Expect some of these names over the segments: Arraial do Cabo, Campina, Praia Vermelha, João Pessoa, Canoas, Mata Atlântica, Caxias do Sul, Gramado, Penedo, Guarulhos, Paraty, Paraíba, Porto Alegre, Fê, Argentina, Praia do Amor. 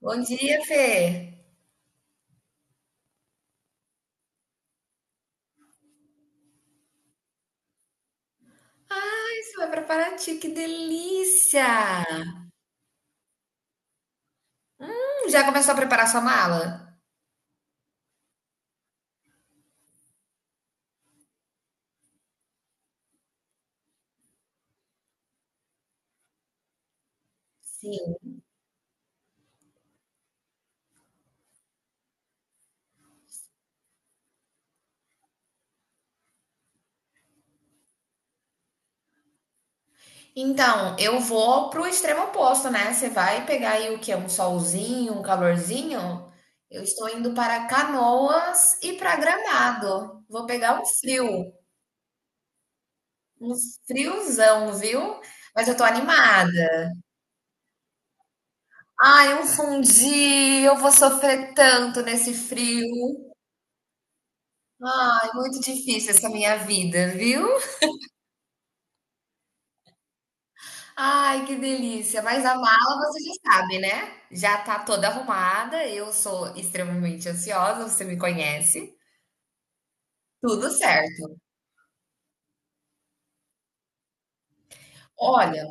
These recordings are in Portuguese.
Bom dia, Fê. Ah, isso vai para Paraty, que delícia! Já começou a preparar sua mala? Sim. Então, eu vou pro extremo oposto, né? Você vai pegar aí o que é um solzinho, um calorzinho? Eu estou indo para Canoas e para Gramado. Vou pegar um frio, um friozão, viu? Mas eu tô animada. Ai, um fundi, eu vou sofrer tanto nesse frio. Ai, muito difícil essa minha vida, viu? Ai, que delícia! Mas a mala você já sabe, né? Já tá toda arrumada. Eu sou extremamente ansiosa, você me conhece. Tudo certo. Olha,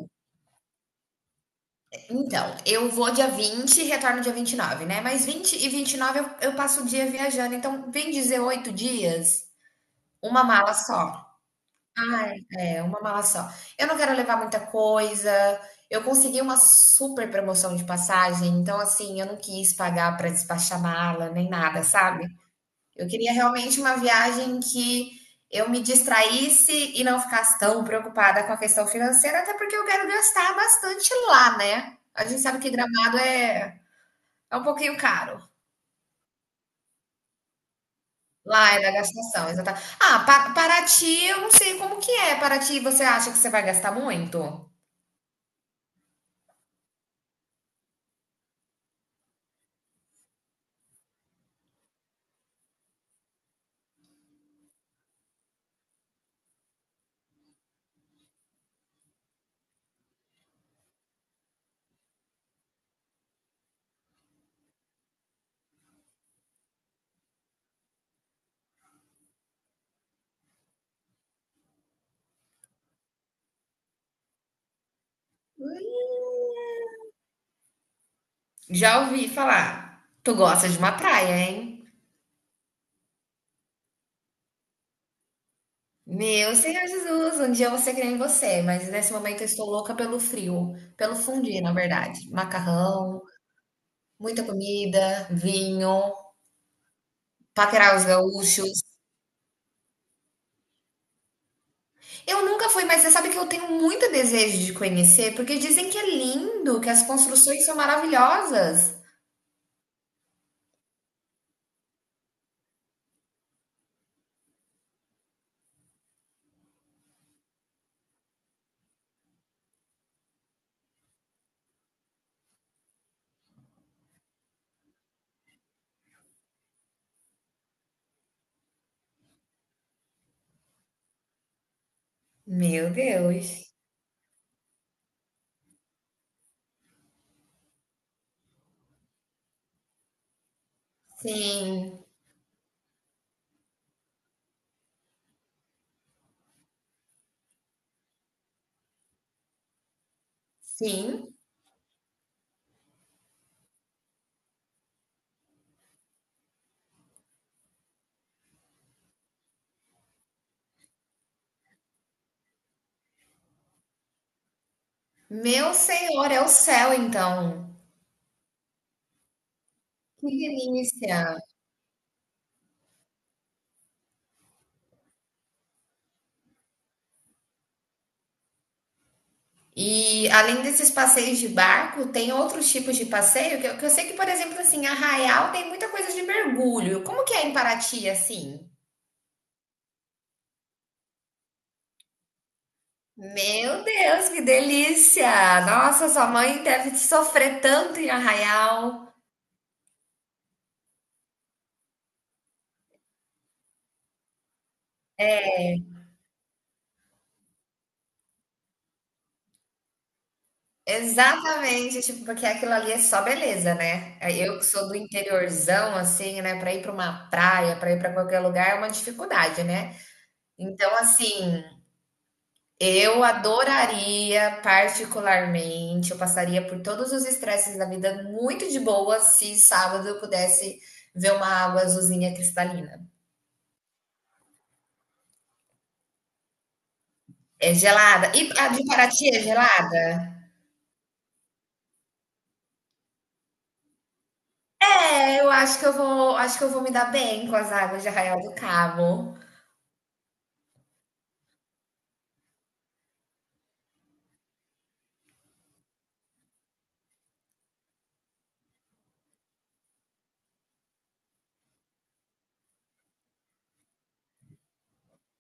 então, eu vou dia 20 e retorno dia 29, né? Mas 20 e 29 eu passo o dia viajando, então vem 18 dias, uma mala só. Ai, é, uma mala só. Eu não quero levar muita coisa. Eu consegui uma super promoção de passagem, então assim, eu não quis pagar para despachar mala nem nada, sabe? Eu queria realmente uma viagem que eu me distraísse e não ficasse tão preocupada com a questão financeira, até porque eu quero gastar bastante lá, né? A gente sabe que Gramado é um pouquinho caro. Lá é da gastação, exatamente. Ah, Paraty, eu não sei como que é. Paraty, você acha que você vai gastar muito? Já ouvi falar. Tu gosta de uma praia, hein? Meu Senhor Jesus, um dia eu vou ser que nem você, mas nesse momento eu estou louca pelo frio, pelo fundir, na verdade. Macarrão. Muita comida, vinho, paquerar os gaúchos. Eu nunca fui, mas você sabe que eu tenho muito desejo de conhecer, porque dizem que é lindo, que as construções são maravilhosas. Meu Deus. Sim, sim. Meu Senhor, é o céu, então. Que delícia. E além desses passeios de barco, tem outros tipos de passeio que eu sei que, por exemplo, assim, Arraial tem muita coisa de mergulho. Como que é em Paraty, assim? Meu Deus, que delícia! Nossa, sua mãe deve sofrer tanto em Arraial. Exatamente, tipo, porque aquilo ali é só beleza, né? Aí eu que sou do interiorzão, assim, né? Para ir para uma praia, para ir para qualquer lugar é uma dificuldade, né? Então, assim, eu adoraria particularmente, eu passaria por todos os estresses da vida muito de boa se sábado eu pudesse ver uma água azulzinha cristalina. É gelada. E a de Paraty é gelada? É, eu acho que eu vou, acho que eu vou me dar bem com as águas de Arraial do Cabo.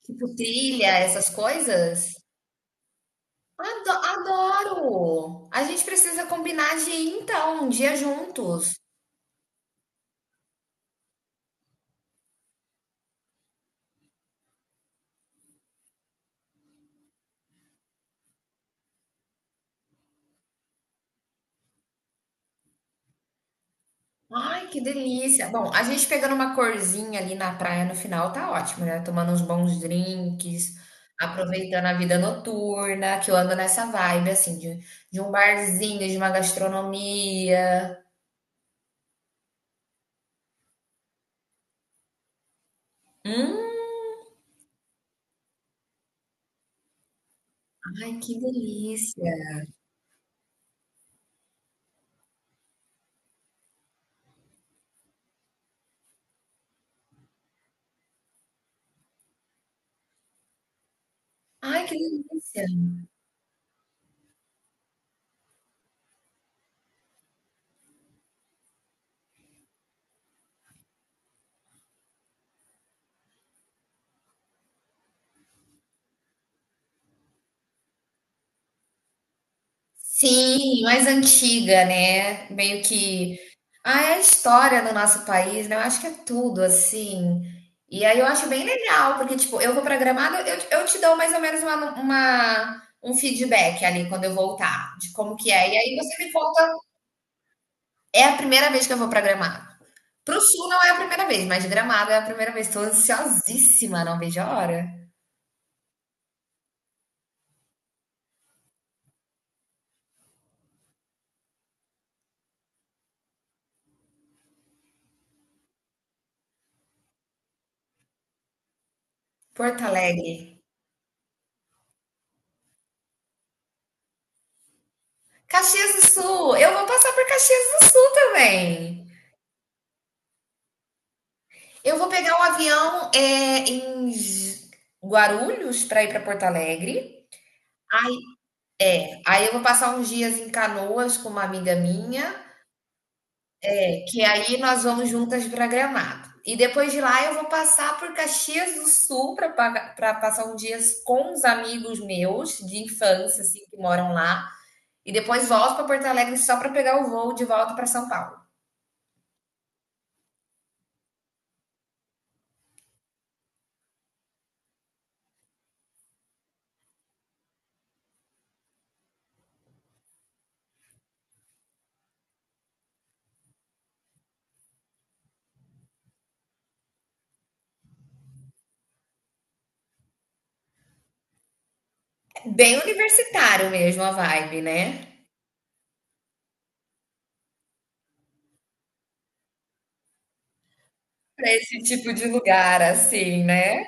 Tipo, trilha, essas coisas. Adoro! A gente precisa combinar de ir, então, um dia juntos. Ai, que delícia! Bom, a gente pegando uma corzinha ali na praia no final tá ótimo, né? Tomando uns bons drinks, aproveitando a vida noturna, que eu ando nessa vibe, assim, de, um barzinho, de uma gastronomia. Hum, ai, que delícia! Ai, que delícia! Sim, mais antiga, né, meio que é a história do nosso país, né, eu acho que é tudo, assim. E aí eu acho bem legal, porque, tipo, eu vou pra Gramado, eu te dou mais ou menos uma um feedback ali quando eu voltar, de como que é. E aí você me conta é a primeira vez que eu vou pra Gramado. Para o Sul não é a primeira vez, mas Gramado é a primeira vez, tô ansiosíssima, não vejo a hora. Porto Alegre. Caxias do Sul, eu vou passar por Caxias do Sul também. Eu vou pegar um avião em Guarulhos para ir para Porto Alegre. Aí, aí eu vou passar uns dias em Canoas com uma amiga minha, que aí nós vamos juntas para Gramado. E depois de lá eu vou passar por Caxias do Sul para passar uns dias com uns amigos meus de infância, assim, que moram lá. E depois volto para Porto Alegre só para pegar o voo de volta para São Paulo. É bem universitário mesmo a vibe, né? Para esse tipo de lugar, assim, né?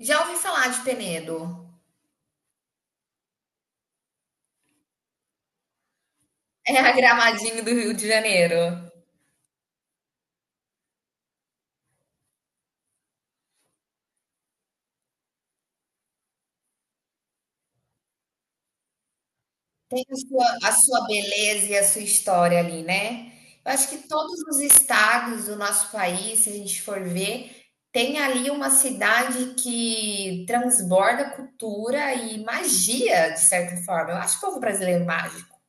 Já ouvi falar de Penedo. É a Gramadinho do Rio de Janeiro. Tem a sua beleza e a sua história ali, né? Eu acho que todos os estados do nosso país, se a gente for ver, tem ali uma cidade que transborda cultura e magia, de certa forma. Eu acho o povo brasileiro mágico.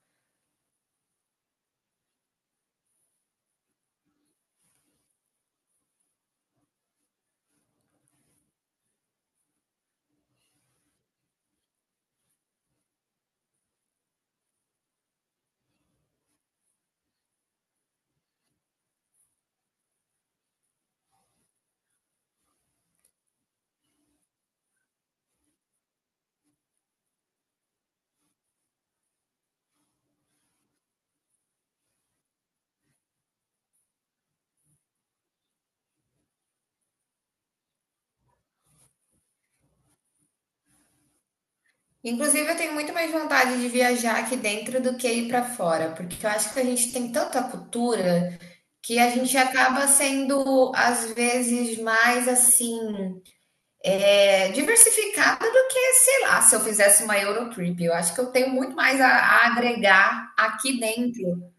Inclusive, eu tenho muito mais vontade de viajar aqui dentro do que ir para fora, porque eu acho que a gente tem tanta cultura que a gente acaba sendo, às vezes, mais assim, diversificada do que, sei lá, se eu fizesse uma Eurotrip. Eu acho que eu tenho muito mais a agregar aqui dentro.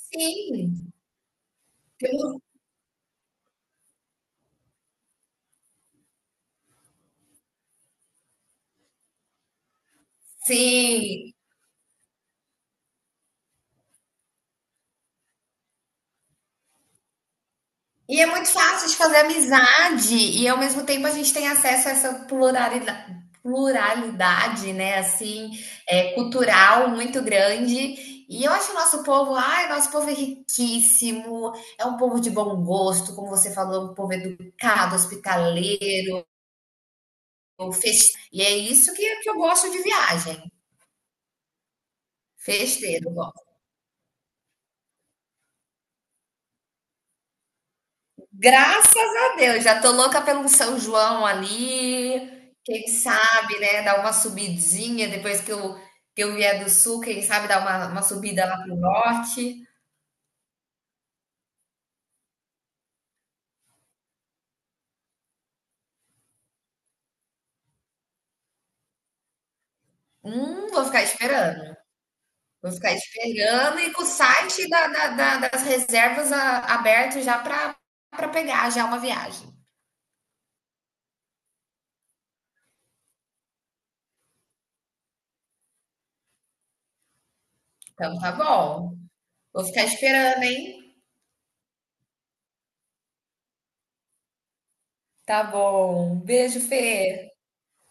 Sim, pelo- sim. E é muito fácil de fazer amizade, e ao mesmo tempo a gente tem acesso a essa pluralidade né, assim, cultural muito grande. E eu acho o nosso povo, ai, nosso povo é riquíssimo, é um povo de bom gosto, como você falou, um povo educado, hospitaleiro, festeiro. E é isso que eu gosto de viagem, festeiro, eu gosto. Graças a Deus, já tô louca pelo São João ali. Quem sabe, né, dar uma subidinha depois que eu vier do sul, quem sabe dar uma subida lá pro norte. Vou ficar esperando. Vou ficar esperando e com o site das reservas aberto já para pegar já uma viagem. Então tá bom. Vou ficar esperando, hein? Tá bom. Beijo, Fê.